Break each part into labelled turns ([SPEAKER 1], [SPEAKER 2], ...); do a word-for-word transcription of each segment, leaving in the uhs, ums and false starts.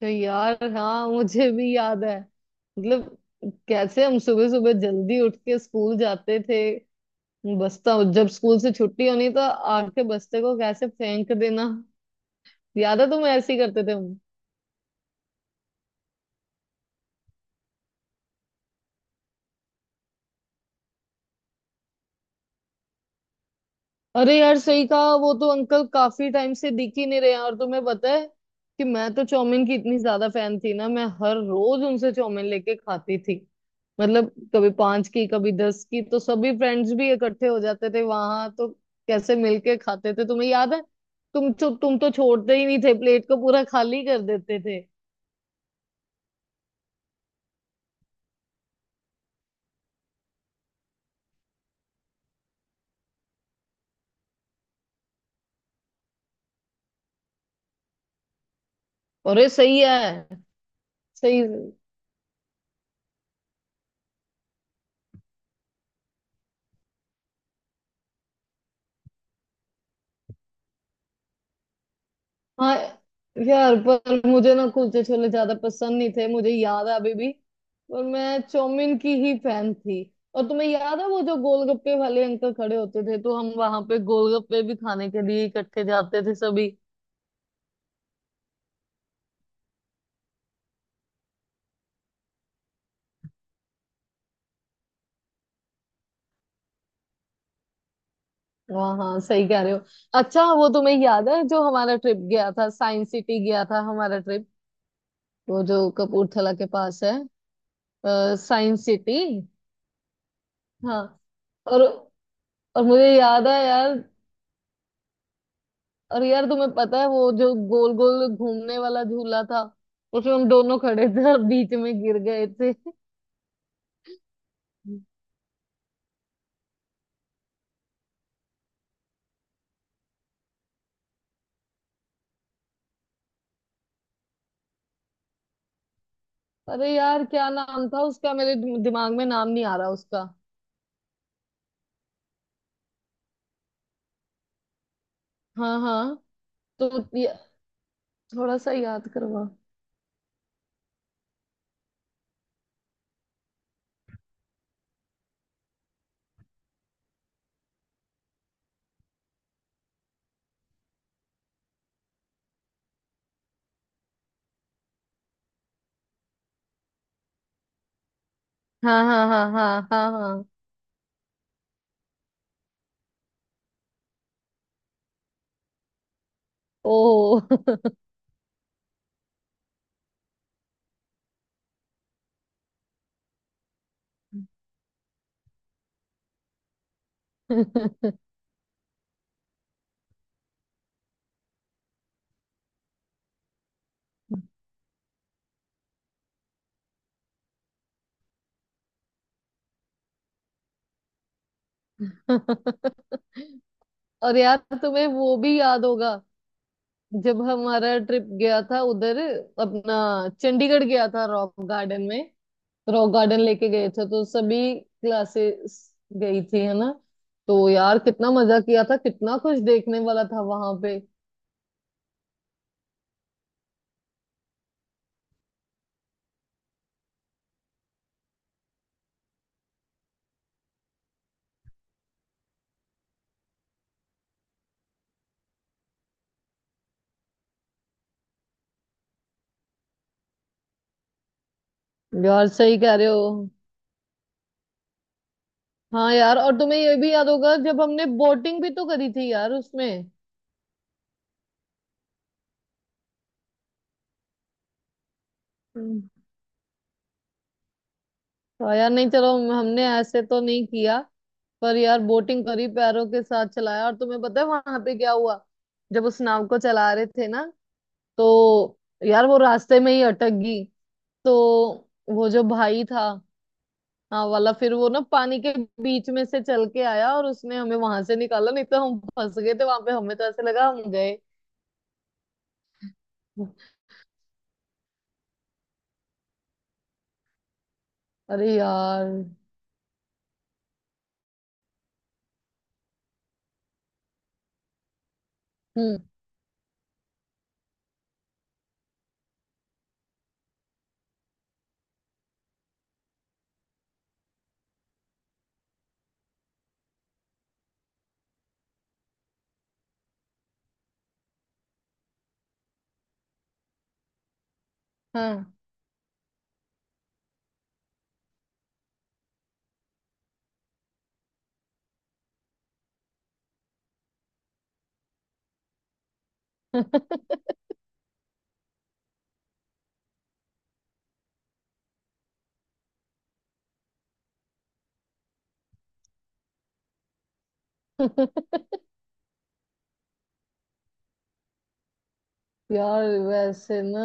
[SPEAKER 1] तो यार, हाँ मुझे भी याद है। मतलब कैसे हम सुबह सुबह जल्दी उठ के स्कूल जाते थे। बस्ता, जब स्कूल से छुट्टी होनी तो आके बस्ते को कैसे फेंक देना, याद है तुम ऐसे ही करते थे। अरे यार, सही कहा। वो तो अंकल काफी टाइम से दिख ही नहीं रहे हैं। और तुम्हें पता है कि मैं तो चाउमीन की इतनी ज्यादा फैन थी ना, मैं हर रोज उनसे चाउमीन लेके खाती थी। मतलब कभी पांच की, कभी दस की, तो सभी फ्रेंड्स भी इकट्ठे हो जाते थे वहां। तो कैसे मिलके खाते थे, तुम्हें याद है? तुम तो तुम तो छोड़ते ही नहीं थे, प्लेट को पूरा खाली कर देते थे। अरे सही है। सही। हाँ यार, पर मुझे ना कुलचे छोले ज्यादा पसंद नहीं थे, मुझे याद है अभी भी। और मैं चौमिन की ही फैन थी। और तुम्हें याद है वो जो गोलगप्पे वाले अंकल खड़े होते थे, तो हम वहां पे गोलगप्पे भी खाने के लिए इकट्ठे जाते थे सभी। हाँ हाँ, सही कह रहे हो। अच्छा, वो तुम्हें याद है जो हमारा ट्रिप गया था, साइंस सिटी गया था हमारा ट्रिप, वो जो कपूरथला के पास है। Science city. हाँ। और और मुझे याद है यार। और यार, तुम्हें पता है वो जो गोल गोल घूमने वाला झूला था, उसमें हम दोनों खड़े थे और बीच में गिर गए थे। अरे यार, क्या नाम था उसका, मेरे दिम- दिमाग में नाम नहीं आ रहा उसका। हाँ हाँ। तो ये- थोड़ा सा याद करवा। हाँ हाँ हाँ हाँ हाँ हाँ। ओ। और यार, तुम्हें वो भी याद होगा जब हमारा ट्रिप गया था उधर, अपना चंडीगढ़ गया था, रॉक गार्डन में। रॉक गार्डन लेके गए थे तो सभी क्लासेस गई थी, है ना? तो यार, कितना मजा किया था, कितना कुछ देखने वाला था वहां पे। यार, सही कह रहे हो। हाँ यार, और तुम्हें ये भी याद होगा जब हमने बोटिंग भी तो करी थी यार उसमें। हम्म। तो यार, नहीं चलो, हम- हमने ऐसे तो नहीं किया। पर यार, बोटिंग करी, पैरों के साथ चलाया। और तुम्हें पता है वहां पे क्या हुआ, जब उस नाव को चला रहे थे ना, तो यार वो रास्ते में ही अटक गई। तो वो जो भाई था, हाँ वाला, फिर वो ना पानी के बीच में से चल के आया और उसने हमें वहां से निकाला, नहीं तो हम फंस गए थे वहां पे। हमें तो ऐसे लगा हम गए। अरे यार। हम्म। हाँ। यार, वैसे ना,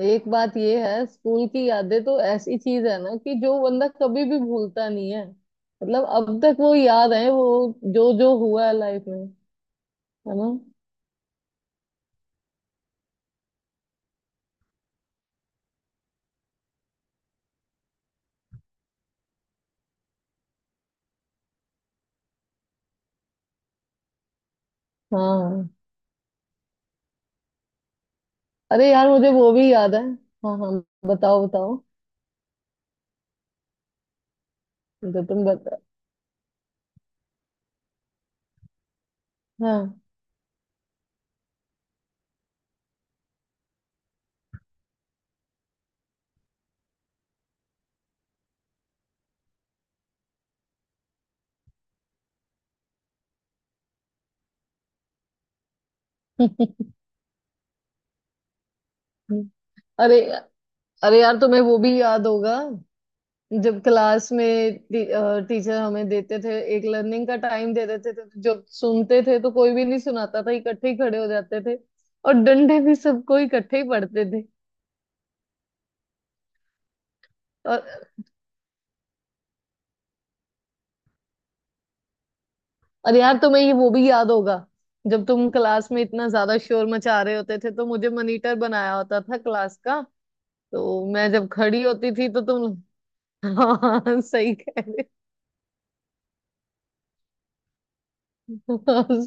[SPEAKER 1] एक बात ये है, स्कूल की यादें तो ऐसी चीज है ना कि जो बंदा कभी भी भूलता नहीं है। मतलब अब तक वो याद है, वो जो जो हुआ है लाइफ में, है ना। हाँ। अरे यार, मुझे वो भी याद है। हाँ हाँ, बताओ बताओ, जो तुम बता। हाँ। अरे। अरे यार, तुम्हें वो भी याद होगा जब क्लास में टी, अ, टीचर हमें देते थे, एक लर्निंग का टाइम दे देते थे, तो जब सुनते थे तो कोई भी नहीं सुनाता था, इकट्ठे ही खड़े हो जाते थे। और डंडे भी सबको इकट्ठे ही पड़ते थे। और अरे यार, तुम्हें ये वो भी याद होगा जब तुम क्लास में इतना ज्यादा शोर मचा रहे होते थे तो मुझे मॉनिटर बनाया होता था क्लास का। तो मैं जब खड़ी होती थी तो तुम… हाँ सही कह रहे हो।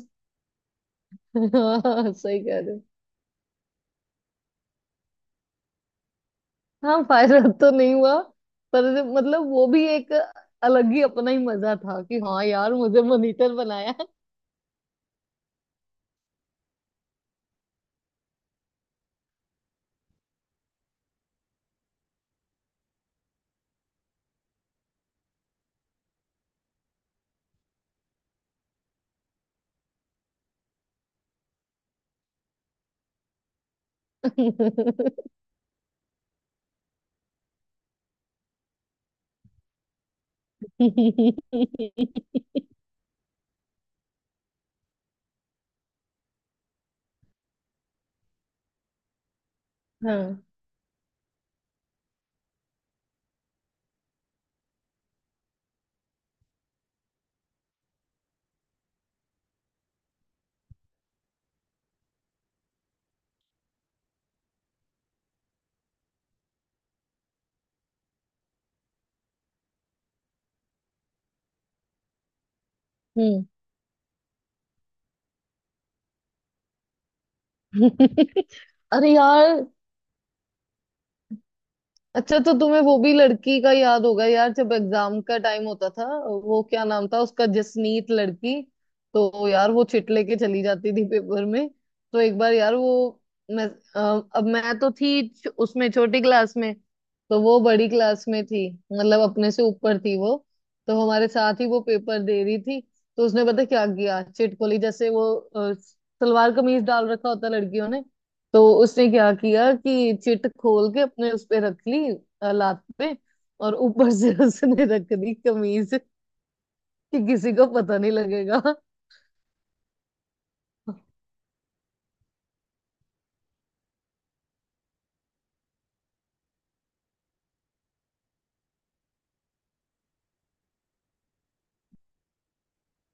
[SPEAKER 1] हाँ सही कह रहे हो। हाँ, फायदा तो नहीं हुआ। पर मतलब वो भी एक अलग ही अपना ही मजा था कि हाँ यार, मुझे मॉनिटर बनाया। हाँ। हम्म। अरे यार। अच्छा, तो तुम्हें वो भी लड़की का याद होगा यार, जब एग्जाम का टाइम होता था, वो क्या नाम था उसका, जसनीत लड़की। तो यार, वो चिट लेके चली जाती थी पेपर में। तो एक बार यार वो, मैं अ, अब मैं तो थी छ- उसमें छोटी क्लास में, तो वो बड़ी क्लास में थी, मतलब अपने से ऊपर थी वो। तो हमारे साथ ही वो पेपर दे रही थी। तो उसने पता क्या किया, चिट खोली, जैसे वो अ, सलवार कमीज डाल रखा होता लड़कियों ने, तो उसने क्या किया कि चिट खोल के अपने उस पे रख ली, अ, लात पे, और ऊपर से उसने रख दी कमीज, कि किसी को पता नहीं लगेगा।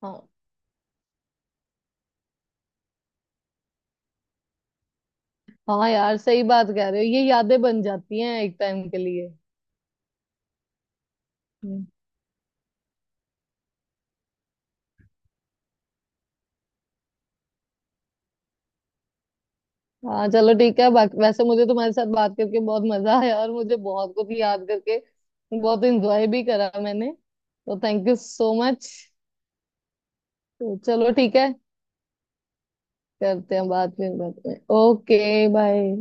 [SPEAKER 1] हाँ। हाँ यार, सही बात कह रहे हो, ये यादें बन जाती हैं एक टाइम के लिए। हम्म। हाँ चलो ठीक है। बाकी वैसे मुझे तुम्हारे साथ बात करके बहुत मजा आया, और मुझे बहुत कुछ याद करके बहुत एंजॉय भी करा मैंने, तो थैंक यू सो मच। तो चलो ठीक है, करते हैं बाद में बात में। Okay, bye.